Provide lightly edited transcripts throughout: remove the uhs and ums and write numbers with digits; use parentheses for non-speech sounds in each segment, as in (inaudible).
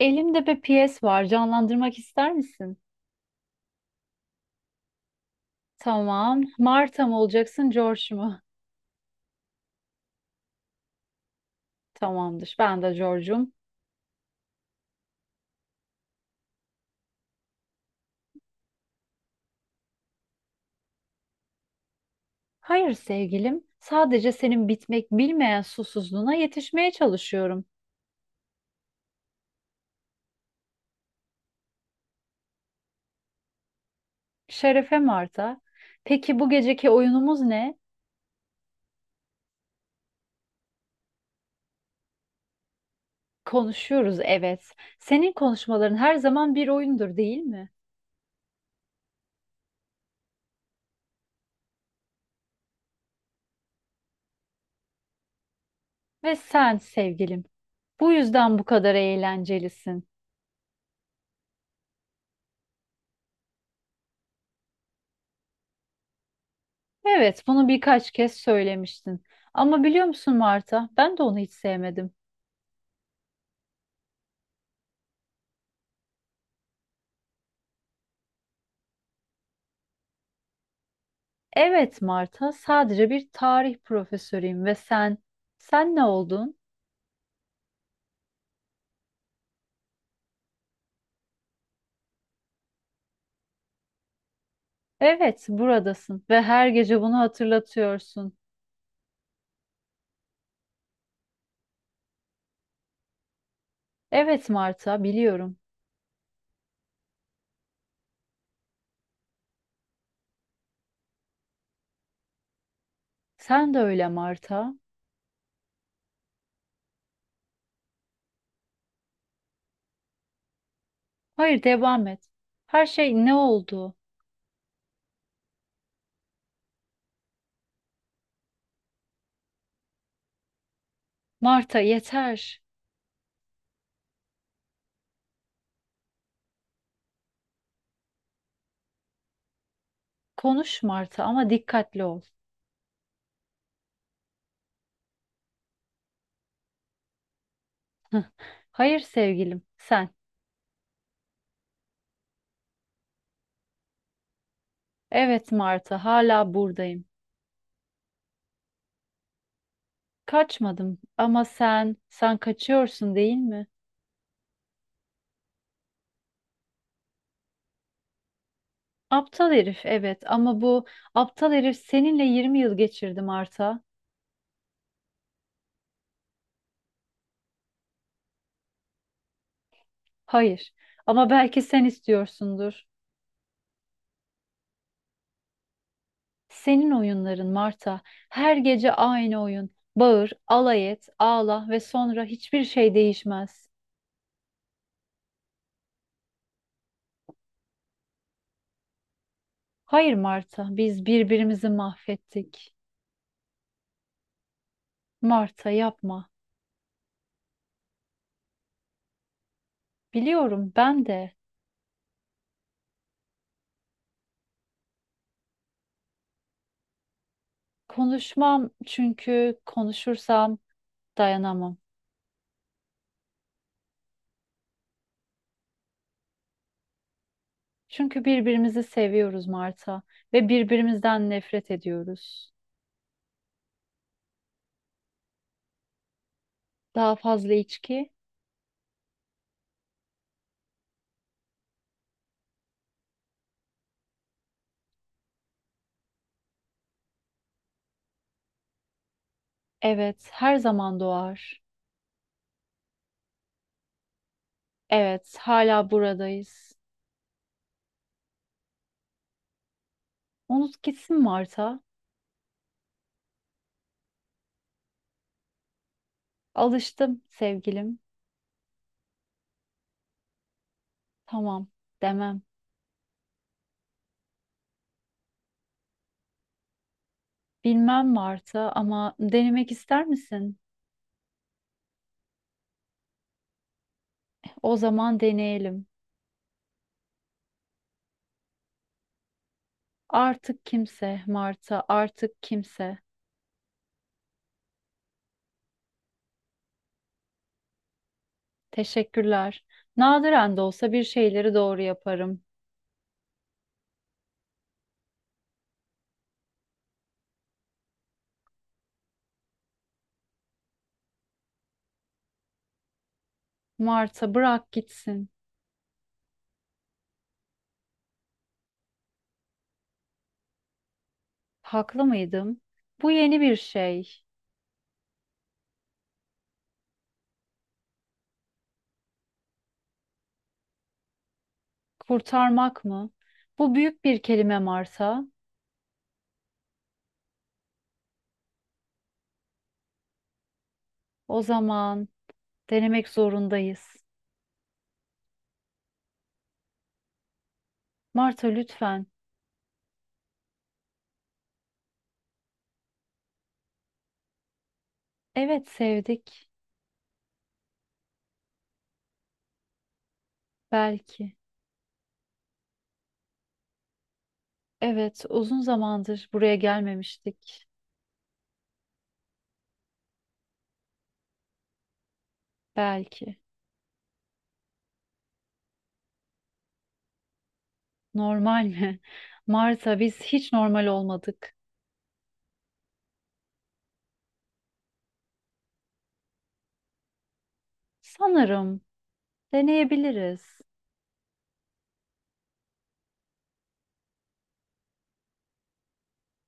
Elimde bir piyes var. Canlandırmak ister misin? Tamam. Marta mı olacaksın, George mu? Tamamdır. Ben de George'um. Hayır sevgilim. Sadece senin bitmek bilmeyen susuzluğuna yetişmeye çalışıyorum. Şerefe Marta. Peki bu geceki oyunumuz ne? Konuşuyoruz, evet. Senin konuşmaların her zaman bir oyundur, değil mi? Ve sen sevgilim. Bu yüzden bu kadar eğlencelisin. Evet, bunu birkaç kez söylemiştin. Ama biliyor musun Marta, ben de onu hiç sevmedim. Evet Marta, sadece bir tarih profesörüyüm ve sen, sen ne oldun? Evet, buradasın ve her gece bunu hatırlatıyorsun. Evet Marta, biliyorum. Sen de öyle Marta. Hayır, devam et. Her şey ne oldu? Marta, yeter. Konuş Marta ama dikkatli ol. (laughs) Hayır sevgilim, sen. Evet Marta, hala buradayım. Kaçmadım ama sen, sen kaçıyorsun değil mi? Aptal herif evet ama bu aptal herif seninle 20 yıl geçirdi Marta. Hayır ama belki sen istiyorsundur. Senin oyunların Marta. Her gece aynı oyun. Bağır, alay et, ağla ve sonra hiçbir şey değişmez. Hayır Marta, biz birbirimizi mahvettik. Marta yapma. Biliyorum ben de. Konuşmam çünkü konuşursam dayanamam. Çünkü birbirimizi seviyoruz Marta ve birbirimizden nefret ediyoruz. Daha fazla içki, evet, her zaman doğar. Evet, hala buradayız. Unut gitsin Marta. Alıştım sevgilim. Tamam, demem. Bilmem Marta ama denemek ister misin? O zaman deneyelim. Artık kimse Marta, artık kimse. Teşekkürler. Nadiren de olsa bir şeyleri doğru yaparım. Marta bırak gitsin. Haklı mıydım? Bu yeni bir şey. Kurtarmak mı? Bu büyük bir kelime Marta. O zaman denemek zorundayız. Marta lütfen. Evet sevdik. Belki. Evet uzun zamandır buraya gelmemiştik. Belki. Normal mi? (laughs) Marta biz hiç normal olmadık. Sanırım deneyebiliriz.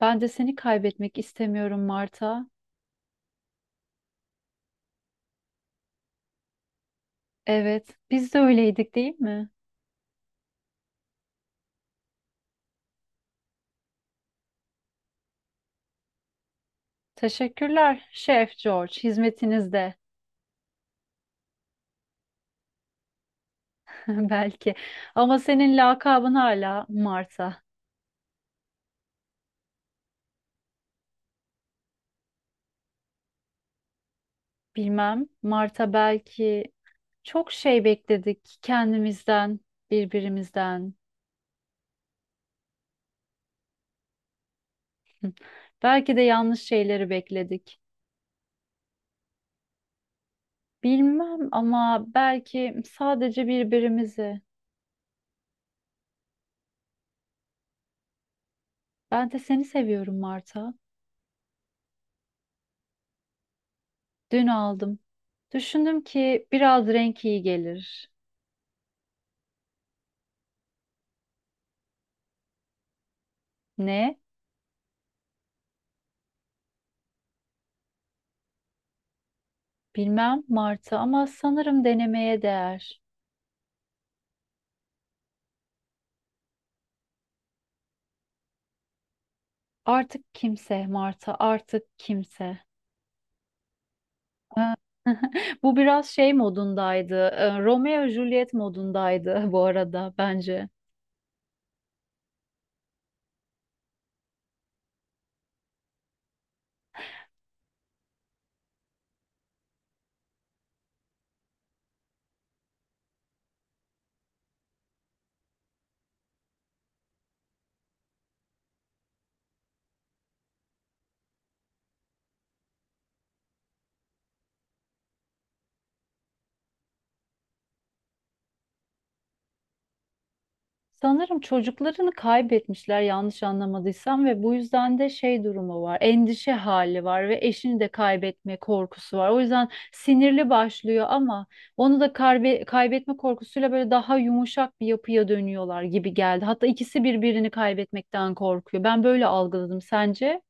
Ben de seni kaybetmek istemiyorum Marta. Evet, biz de öyleydik değil mi? Teşekkürler Şef George, hizmetinizde (laughs) belki. Ama senin lakabın hala Marta. Bilmem, Marta belki çok şey bekledik kendimizden, birbirimizden. (laughs) Hı. Belki de yanlış şeyleri bekledik. Bilmem ama belki sadece birbirimizi. Ben de seni seviyorum Marta. Dün aldım. Düşündüm ki biraz renk iyi gelir. Ne? Bilmem Marta ama sanırım denemeye değer. Artık kimse Marta, artık kimse. Ha. (laughs) Bu biraz şey modundaydı. Romeo Juliet modundaydı (laughs) bu arada bence. Sanırım çocuklarını kaybetmişler yanlış anlamadıysam ve bu yüzden de şey durumu var. Endişe hali var ve eşini de kaybetme korkusu var. O yüzden sinirli başlıyor ama onu da kaybetme korkusuyla böyle daha yumuşak bir yapıya dönüyorlar gibi geldi. Hatta ikisi birbirini kaybetmekten korkuyor. Ben böyle algıladım. Sence?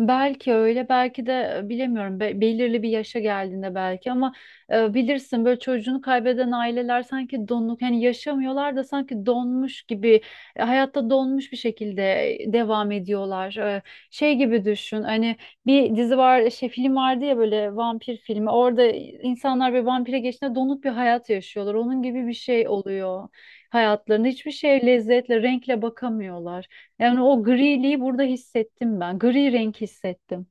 Belki öyle, belki de bilemiyorum. Belirli bir yaşa geldiğinde belki ama bilirsin böyle çocuğunu kaybeden aileler sanki donuk, hani yaşamıyorlar da sanki donmuş gibi, hayatta donmuş bir şekilde devam ediyorlar. Şey gibi düşün. Hani bir dizi var, şey film vardı ya böyle vampir filmi. Orada insanlar bir vampire geçtiğinde donuk bir hayat yaşıyorlar. Onun gibi bir şey oluyor hayatlarında. Hiçbir şeye lezzetle, renkle bakamıyorlar. Yani o griliği burada hissettim ben. Gri renk hissettim.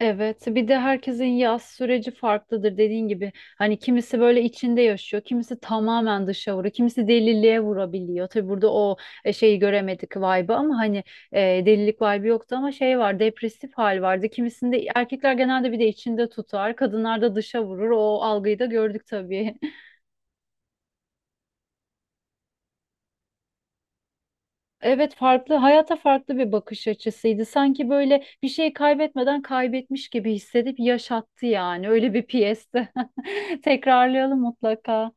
Evet, bir de herkesin yaz süreci farklıdır dediğin gibi. Hani kimisi böyle içinde yaşıyor, kimisi tamamen dışa vuruyor, kimisi deliliğe vurabiliyor. Tabii burada o şeyi göremedik vibe'ı ama hani e, delilik vibe'ı yoktu ama şey var, depresif hal vardı. Kimisinde erkekler genelde bir de içinde tutar, kadınlar da dışa vurur. O algıyı da gördük tabii. Evet farklı hayata farklı bir bakış açısıydı. Sanki böyle bir şey kaybetmeden kaybetmiş gibi hissedip yaşattı yani. Öyle bir piyesti. (laughs) Tekrarlayalım mutlaka.